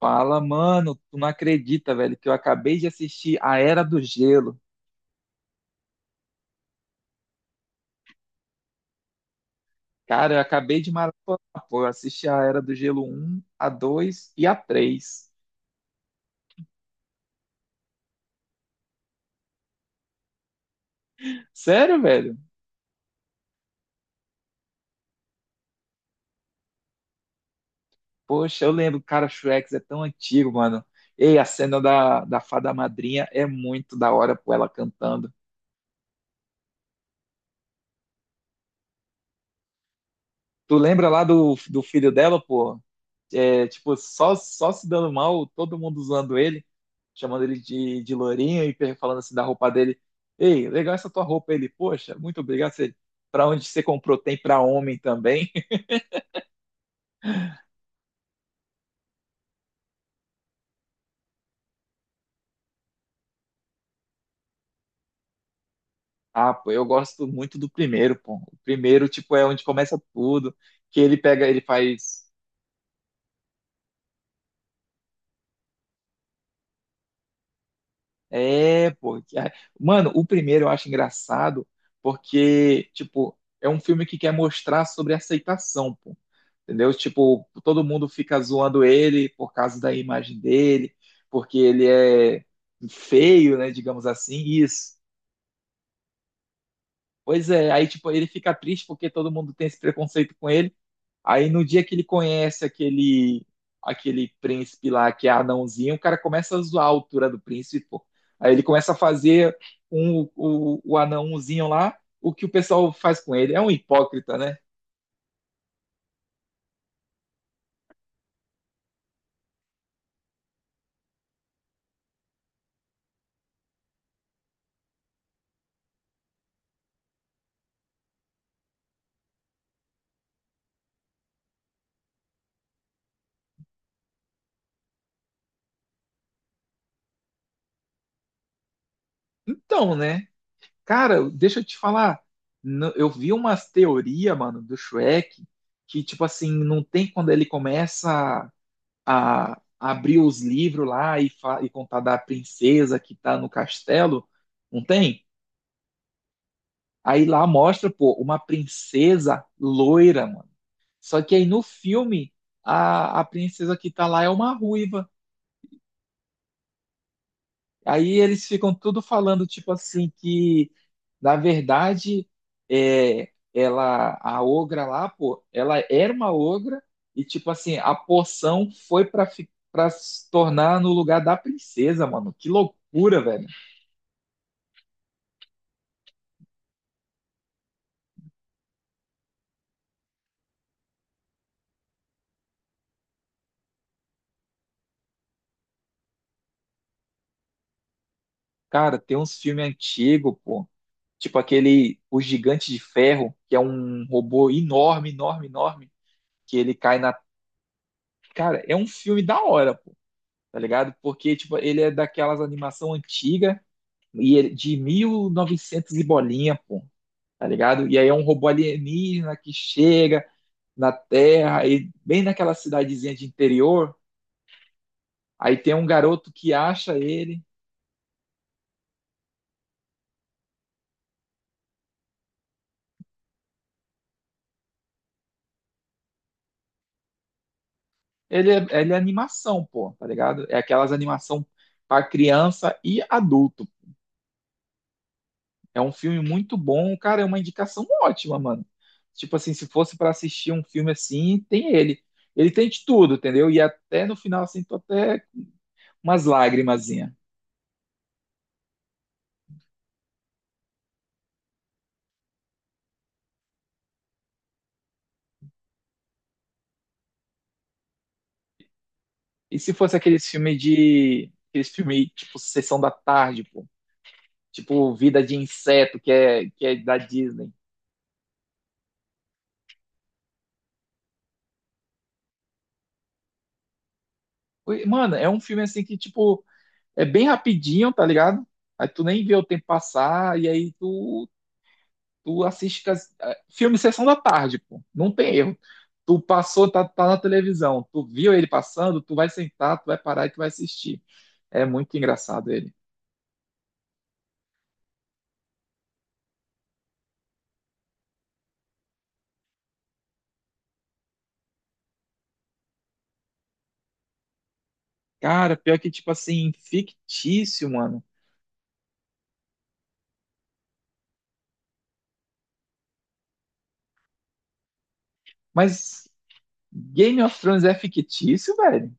Fala, mano, tu não acredita, velho, que eu acabei de assistir A Era do Gelo. Cara, eu acabei de maratonar, pô, eu assisti A Era do Gelo um, a 2 e a 3. Sério, velho? Poxa, eu lembro, cara, Shrek é tão antigo, mano. Ei, a cena da fada madrinha é muito da hora, pô, ela cantando. Tu lembra lá do filho dela, pô? É, tipo, só se dando mal, todo mundo usando ele. Chamando ele de lourinho e falando assim da roupa dele. Ei, legal essa tua roupa. Ele, poxa, muito obrigado. Você, pra onde você comprou? Tem pra homem também? Ah, pô, eu gosto muito do primeiro, pô. O primeiro, tipo, é onde começa tudo, que ele pega, ele faz. É, pô. Mano, o primeiro eu acho engraçado porque, tipo, é um filme que quer mostrar sobre aceitação, pô. Entendeu? Tipo, todo mundo fica zoando ele por causa da imagem dele, porque ele é feio, né, digamos assim, isso. Pois é, aí, tipo, ele fica triste porque todo mundo tem esse preconceito com ele. Aí no dia que ele conhece aquele príncipe lá que é anãozinho, o cara começa a zoar a altura do príncipe, pô. Aí ele começa a fazer o anãozinho lá, o que o pessoal faz com ele. É um hipócrita, né? Então, né? Cara, deixa eu te falar. Eu vi umas teorias, mano, do Shrek, que, tipo assim, não tem quando ele começa a abrir os livros lá e, e contar da princesa que tá no castelo. Não tem? Aí lá mostra, pô, uma princesa loira, mano. Só que aí no filme, a princesa que tá lá é uma ruiva. Aí eles ficam tudo falando, tipo assim, que na verdade é, ela, a ogra lá, pô, ela era uma ogra e, tipo assim, a poção foi pra, pra se tornar no lugar da princesa, mano. Que loucura, velho. Cara, tem uns filmes antigos, pô. Tipo aquele O Gigante de Ferro, que é um robô enorme, enorme, enorme, que ele cai na. Cara, é um filme da hora, pô, tá ligado? Porque, tipo, ele é daquelas animação antiga e de 1900 e bolinha, pô, tá ligado? E aí é um robô alienígena que chega na Terra, e bem naquela cidadezinha de interior, aí tem um garoto que acha ele. Ele é animação, pô, tá ligado? É aquelas animação para criança e adulto. É um filme muito bom, cara, é uma indicação ótima, mano. Tipo assim, se fosse pra assistir um filme assim, tem ele. Ele tem de tudo, entendeu? E até no final, assim, tô até com umas lagrimazinha. E se fosse aqueles filme de... Aqueles filme, tipo, Sessão da Tarde, pô. Tipo, Vida de Inseto, que é da Disney. Ui, mano, é um filme, assim, que, tipo, é bem rapidinho, tá ligado? Aí tu nem vê o tempo passar, e aí tu. Tu assiste filme Sessão da Tarde, pô. Não tem erro. Tu passou, tá na televisão, tu viu ele passando, tu vai sentar, tu vai parar e tu vai assistir. É muito engraçado ele. Cara, pior que, tipo assim, fictício, mano. Mas Game of Thrones é fictício, velho?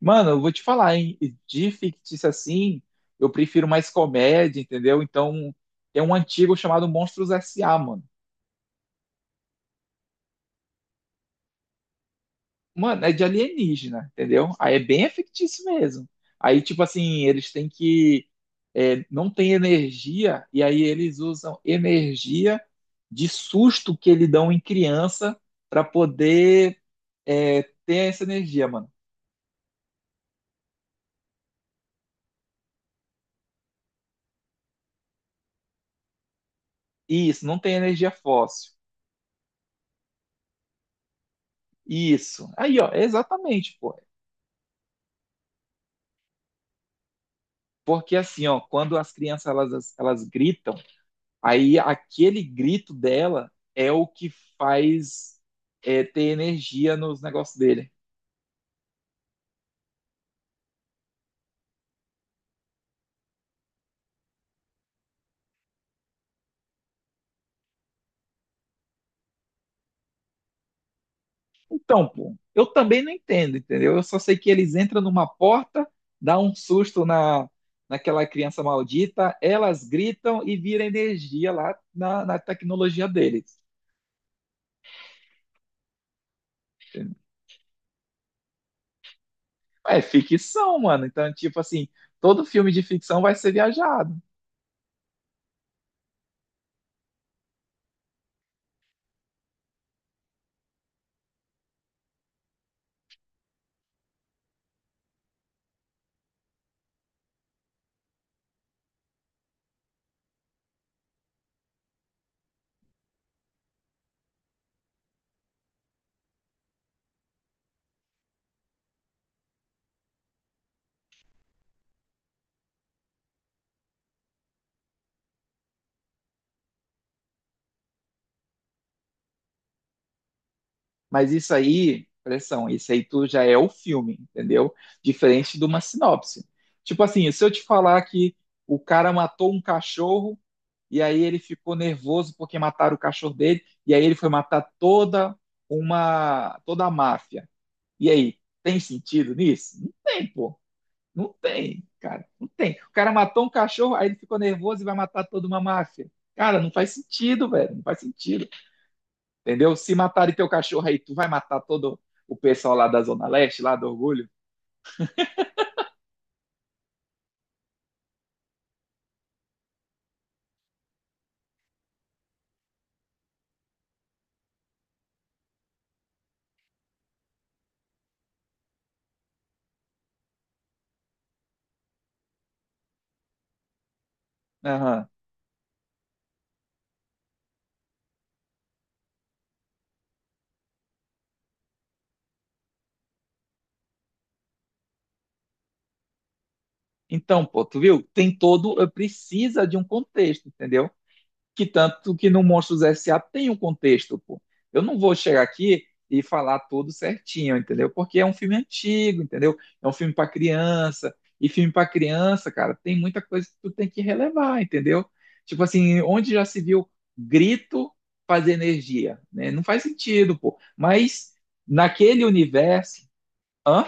Mano, eu vou te falar, hein? De fictício assim, eu prefiro mais comédia, entendeu? Então, tem um antigo chamado Monstros S.A., mano. Mano, é de alienígena, entendeu? Aí é bem fictício mesmo. Aí, tipo assim, eles têm que. É, não tem energia, e aí eles usam energia de susto que eles dão em criança para poder, é, ter essa energia, mano. Isso, não tem energia fóssil. Isso. Aí, ó, é exatamente, pô. Porque assim, ó, quando as crianças elas gritam, aí aquele grito dela é o que faz, é, ter energia nos negócios dele. Então, pô, eu também não entendo, entendeu? Eu só sei que eles entram numa porta, dá um susto na naquela criança maldita, elas gritam e vira energia lá na tecnologia deles. Entendeu? É ficção, mano. Então, tipo assim, todo filme de ficção vai ser viajado. Mas isso aí, pressão, isso aí tu já é o filme, entendeu? Diferente de uma sinopse. Tipo assim, se eu te falar que o cara matou um cachorro e aí ele ficou nervoso porque mataram o cachorro dele e aí ele foi matar toda a máfia. E aí, tem sentido nisso? Não tem, pô. Não tem, cara. Não tem. O cara matou um cachorro, aí ele ficou nervoso e vai matar toda uma máfia. Cara, não faz sentido, velho. Não faz sentido. Entendeu? Se matarem teu cachorro aí, tu vai matar todo o pessoal lá da Zona Leste, lá do Orgulho? Aham. Então, pô, tu viu? Tem todo, precisa de um contexto, entendeu? Que tanto que no Monstros S.A. tem um contexto, pô. Eu não vou chegar aqui e falar tudo certinho, entendeu? Porque é um filme antigo, entendeu? É um filme para criança. E filme para criança, cara, tem muita coisa que tu tem que relevar, entendeu? Tipo assim, onde já se viu grito fazer energia, né? Não faz sentido, pô. Mas naquele universo, hã?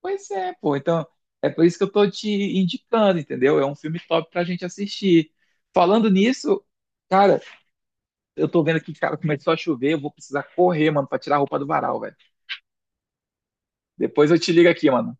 Pois é, pô. Então, é por isso que eu tô te indicando, entendeu? É um filme top pra gente assistir. Falando nisso, cara, eu tô vendo aqui, cara, começou a chover, eu vou precisar correr, mano, pra tirar a roupa do varal, velho. Depois eu te ligo aqui, mano.